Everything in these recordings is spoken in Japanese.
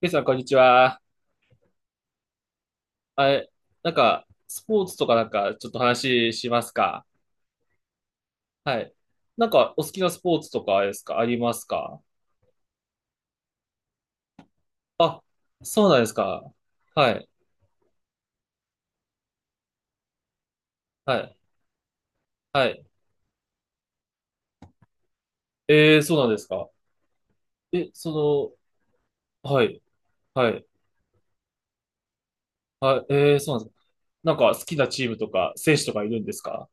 ケイさん、こんにちは。あれ、なんか、スポーツとかなんか、ちょっと話しますか？はい。なんか、お好きなスポーツとかですかありますか？あ、そうなんですか。はい、はい、はい。えー、そうなんですか。え、その、はい、はい、はい、えー、そうなんですか。なんか、好きなチームとか、選手とかいるんですか？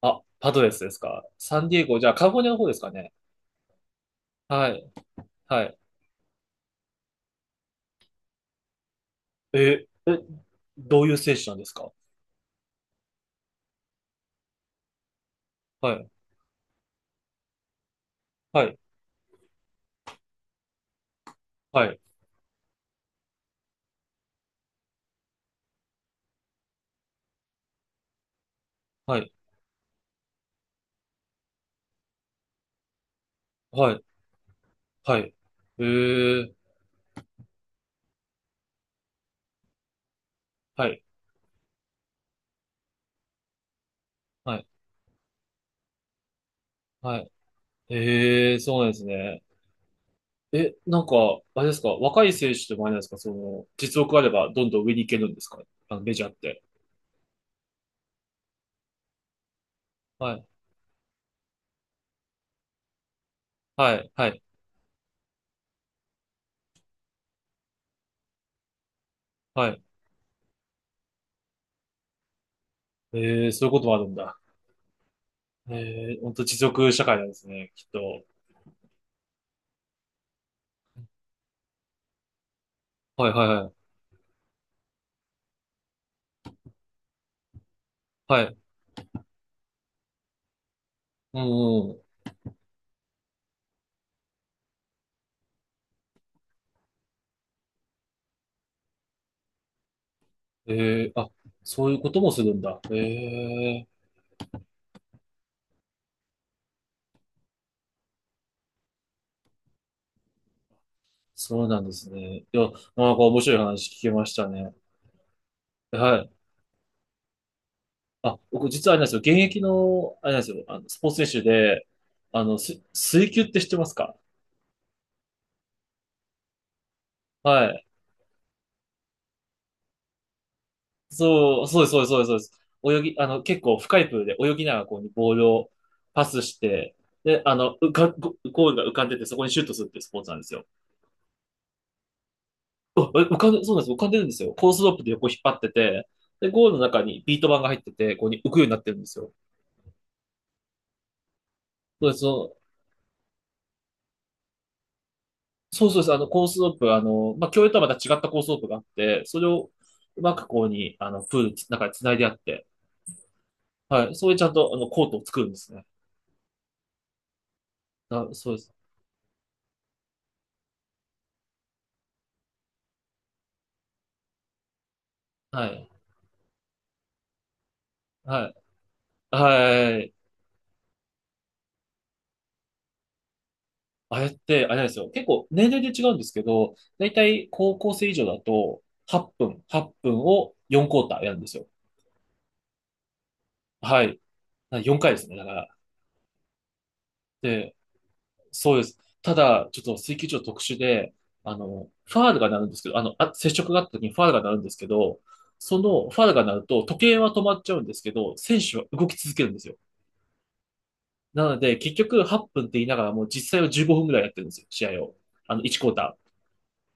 あ、パドレスですか。サンディエゴ、じゃあ、カリフォルニアの方ですかね。はい、はい。え、え、どういう選手なんですか？はい、はい、はい、はい。はいはい。ええ、はい、はい、はい。ええ、そうなんですね。え、なんか、あれですか、若い選手でもあれなんですか、その、実力あればどんどん上に行けるんですか？あの、メジャーって。はい、はい、はい、はい。ええ、そういうこともあるんだ。ええ、ほんと実力社会なんですね、きっと。はい、はい、はい、はい。うんうん。ええ、あ、そういうこともするんだ。ええ、そうなんですね。いや、なんか面白い話聞けましたね。はい。あ、僕実はあれなんですよ。現役の、あれなんですよ。あの、スポーツ選手で、あの、水球って知ってますか？はい。そう、そうです、そうです、そうです、そうです。泳ぎ、あの、結構深いプールで泳ぎながらこうね、ボールをパスして、で、あの、ゴールが浮かんでて、そこにシュートするっていうスポーツなんですよ。うわえ浮かんで、そうなんです、浮かんでるんですよ。コースロープで横引っ張ってて、で、ゴールの中にビート板が入ってて、ここに浮くようになってるんですよ。そうです、そうそうです。あの、コースロープ、あの、まあ、競泳とはまた違ったコースロープがあって、それをうまくこうに、あの、プールの中に繋いであって、はい。それでちゃんと、あの、コートを作るんですね。あ、そうです。はい。はい。はい。あれって、あれなんですよ。結構、年齢で違うんですけど、だいたい高校生以上だと、8分、8分を4クォーターやるんですよ。はい。4回ですね。だから。で、そうです。ただ、ちょっと水球場特殊で、あの、ファールが鳴るんですけど、あの、あ、接触があった時にファールが鳴るんですけど、そのファールが鳴ると時計は止まっちゃうんですけど、選手は動き続けるんですよ。なので、結局8分って言いながらもう実際は15分ぐらいやってるんですよ、試合を。あの、1クォータ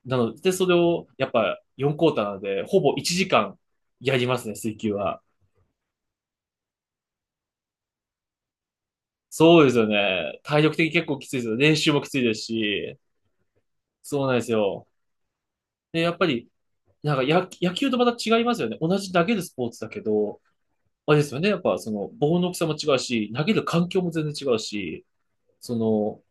ー。なので、それをやっぱ4クォーターなので、ほぼ1時間やりますね、水球は。そうですよね。体力的に結構きついですよ。練習もきついですし、そうなんですよ。で、やっぱりなんか野球とまた違いますよね。同じ投げるスポーツだけど、あれですよね。やっぱその棒の大きさも違うし、投げる環境も全然違うし、その、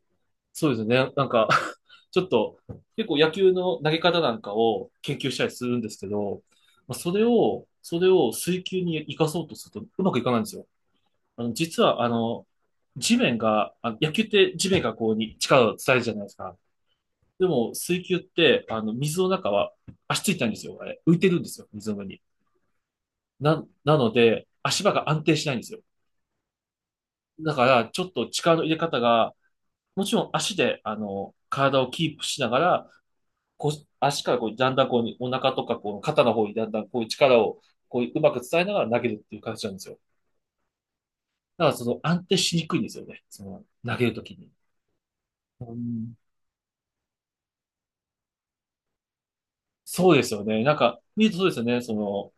そうですね。なんか ちょっと結構野球の投げ方なんかを研究したりするんですけど、まあ、それを水球に生かそうとするとうまくいかないんですよ。あの、実はあの、地面が、あの野球って地面がこうに力を伝えるじゃないですか。でも水球って、あの、水の中は足ついたんですよ。あれ浮いてるんですよ。水の上に。なので、足場が安定しないんですよ。だから、ちょっと力の入れ方が、もちろん足で、あの、体をキープしながら、こう、足からこう、だんだんこう、お腹とか、こう、肩の方にだんだんこう、力を、こう、うまく伝えながら投げるっていう形なんですよ。だから、その、安定しにくいんですよね。その、投げるときに。うん、そうですよね。なんか、見るとそうですよね。その、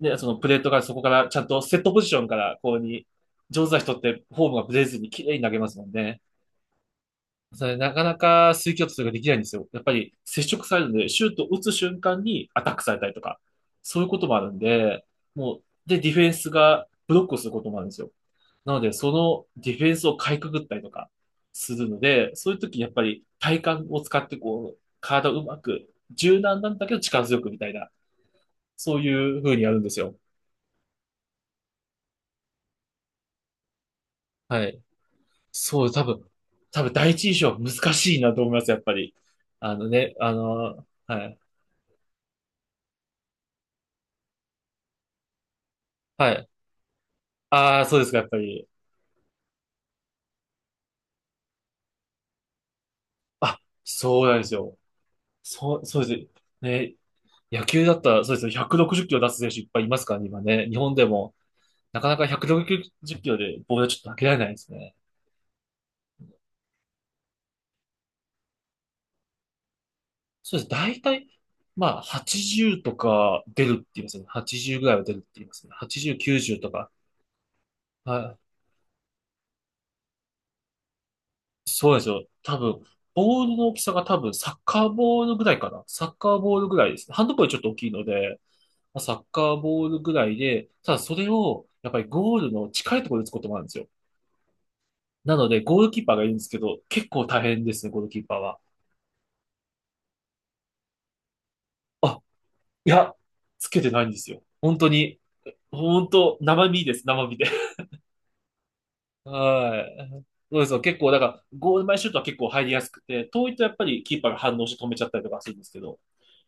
ね、そのプレートがそこから、ちゃんとセットポジションから、こうに、上手な人ってフォームがブレずに綺麗に投げますもんね。それなかなか水球とができないんですよ。やっぱり接触されるので、シュートを打つ瞬間にアタックされたりとか、そういうこともあるんで、もう、で、ディフェンスがブロックをすることもあるんですよ。なので、そのディフェンスをかいくぐったりとかするので、そういう時にやっぱり体幹を使ってこう、体をうまく、柔軟なんだけど力強くみたいな、そういう風にやるんですよ。はい。そう、多分第一印象は難しいなと思います、やっぱり。あのね、あの、はい。はい。ああ、そうですか、やっぱり。あ、そうなんですよ。そう、そうです。ね、野球だったら、そうですよ。160キロ出す選手いっぱいいますからね、今ね。日本でも、なかなか160キロでボールはちょっと投げられないですね。そうです。大体、まあ、80とか出るって言いますね。80ぐらいは出るって言いますね。80、90とか。はい。そうなんですよ。多分、ボールの大きさが多分、サッカーボールぐらいかな。サッカーボールぐらいですね。ハンドボールちょっと大きいので、まあサッカーボールぐらいで、ただそれを、やっぱりゴールの近いところで打つこともあるんですよ。なので、ゴールキーパーがいるんですけど、結構大変ですね、ゴールキーパーは。あ、いや、つけてないんですよ。本当に、本当、生身です、生身で。はい。そうですよ。結構、だから、ゴール前シュートは結構入りやすくて、遠いとやっぱりキーパーが反応して止めちゃったりとかするんですけど、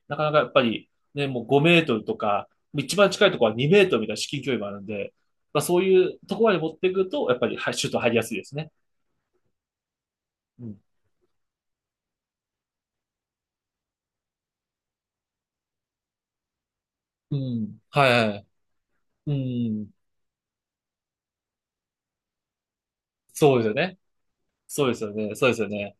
なかなかやっぱり、ね、もう5メートルとか、一番近いところは2メートルみたいな至近距離もあるんで、まあそういうところまで持っていくと、やっぱりはいシュート入りやすいですね。うん。うん。はいはい。うん。そうですよね。そうですよね。そうですよね。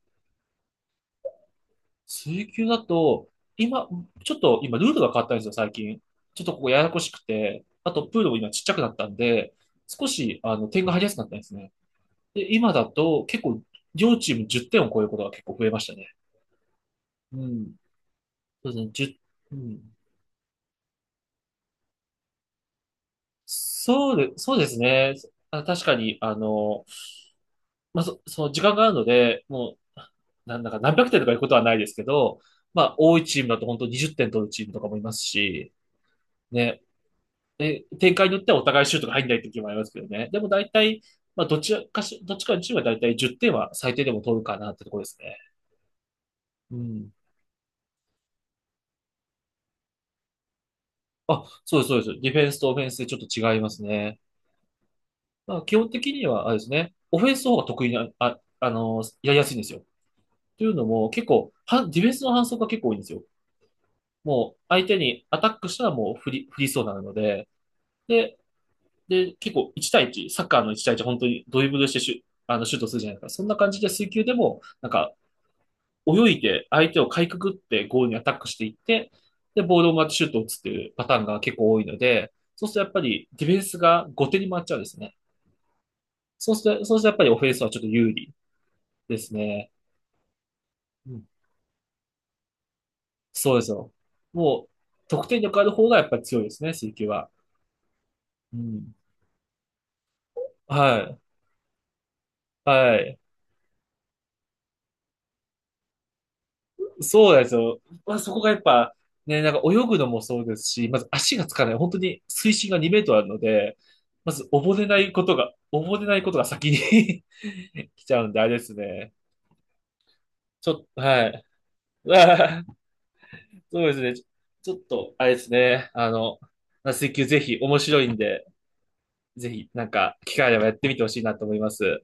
水球だと、今、ちょっと今ルールが変わったんですよ、最近。ちょっとここややこしくて、あとプールも今ちっちゃくなったんで、少し、あの、点が入りやすくなったんですね。で、今だと結構、両チーム10点を超えることが結構増えましたね。うん。そうですね、1ううん。そうで、そうですね。あ、確かに、あの、まあ、その時間があるので、もう、なんだか何百点とかいうことはないですけど、まあ、多いチームだと本当に20点取るチームとかもいますし、ね、え、展開によってはお互いシュートが入んない時もありますけどね。でも大体、まあ、どっちかのチームは大体10点は最低でも取るかなってところですね。うん。あ、そうです、そうです。ディフェンスとオフェンスでちょっと違いますね。まあ、基本的には、あれですね、オフェンスの方が得意な、あ、あの、やりやすいんですよ。というのも、結構、ディフェンスの反則が結構多いんですよ。もう相手にアタックしたらもう振りそうなので、で、で、結構1対1、サッカーの1対1、本当にドリブルしてあのシュートするじゃないですか。そんな感じで水球でも、なんか、泳いで相手をかいくぐってゴールにアタックしていって、で、ボールを回ってシュートを打つっていうパターンが結構多いので、そうするとやっぱりディフェンスが後手に回っちゃうんですね。そうするとやっぱりオフェンスはちょっと有利ですね。うん、そうですよ。もう、得点力ある方がやっぱり強いですね、水球は。うん。はい。はい。そうなんですよ。まあ、そこがやっぱ、ね、なんか泳ぐのもそうですし、まず足がつかない。本当に水深が2メートルあるので、まず溺れないことが、溺れないことが先に 来ちゃうんで、あれですね。ちょっと、はい。あーそうですね。ちょっと、あれですね。あの、水球ぜひ面白いんで、ぜひ、なんか、機会あればやってみてほしいなと思います。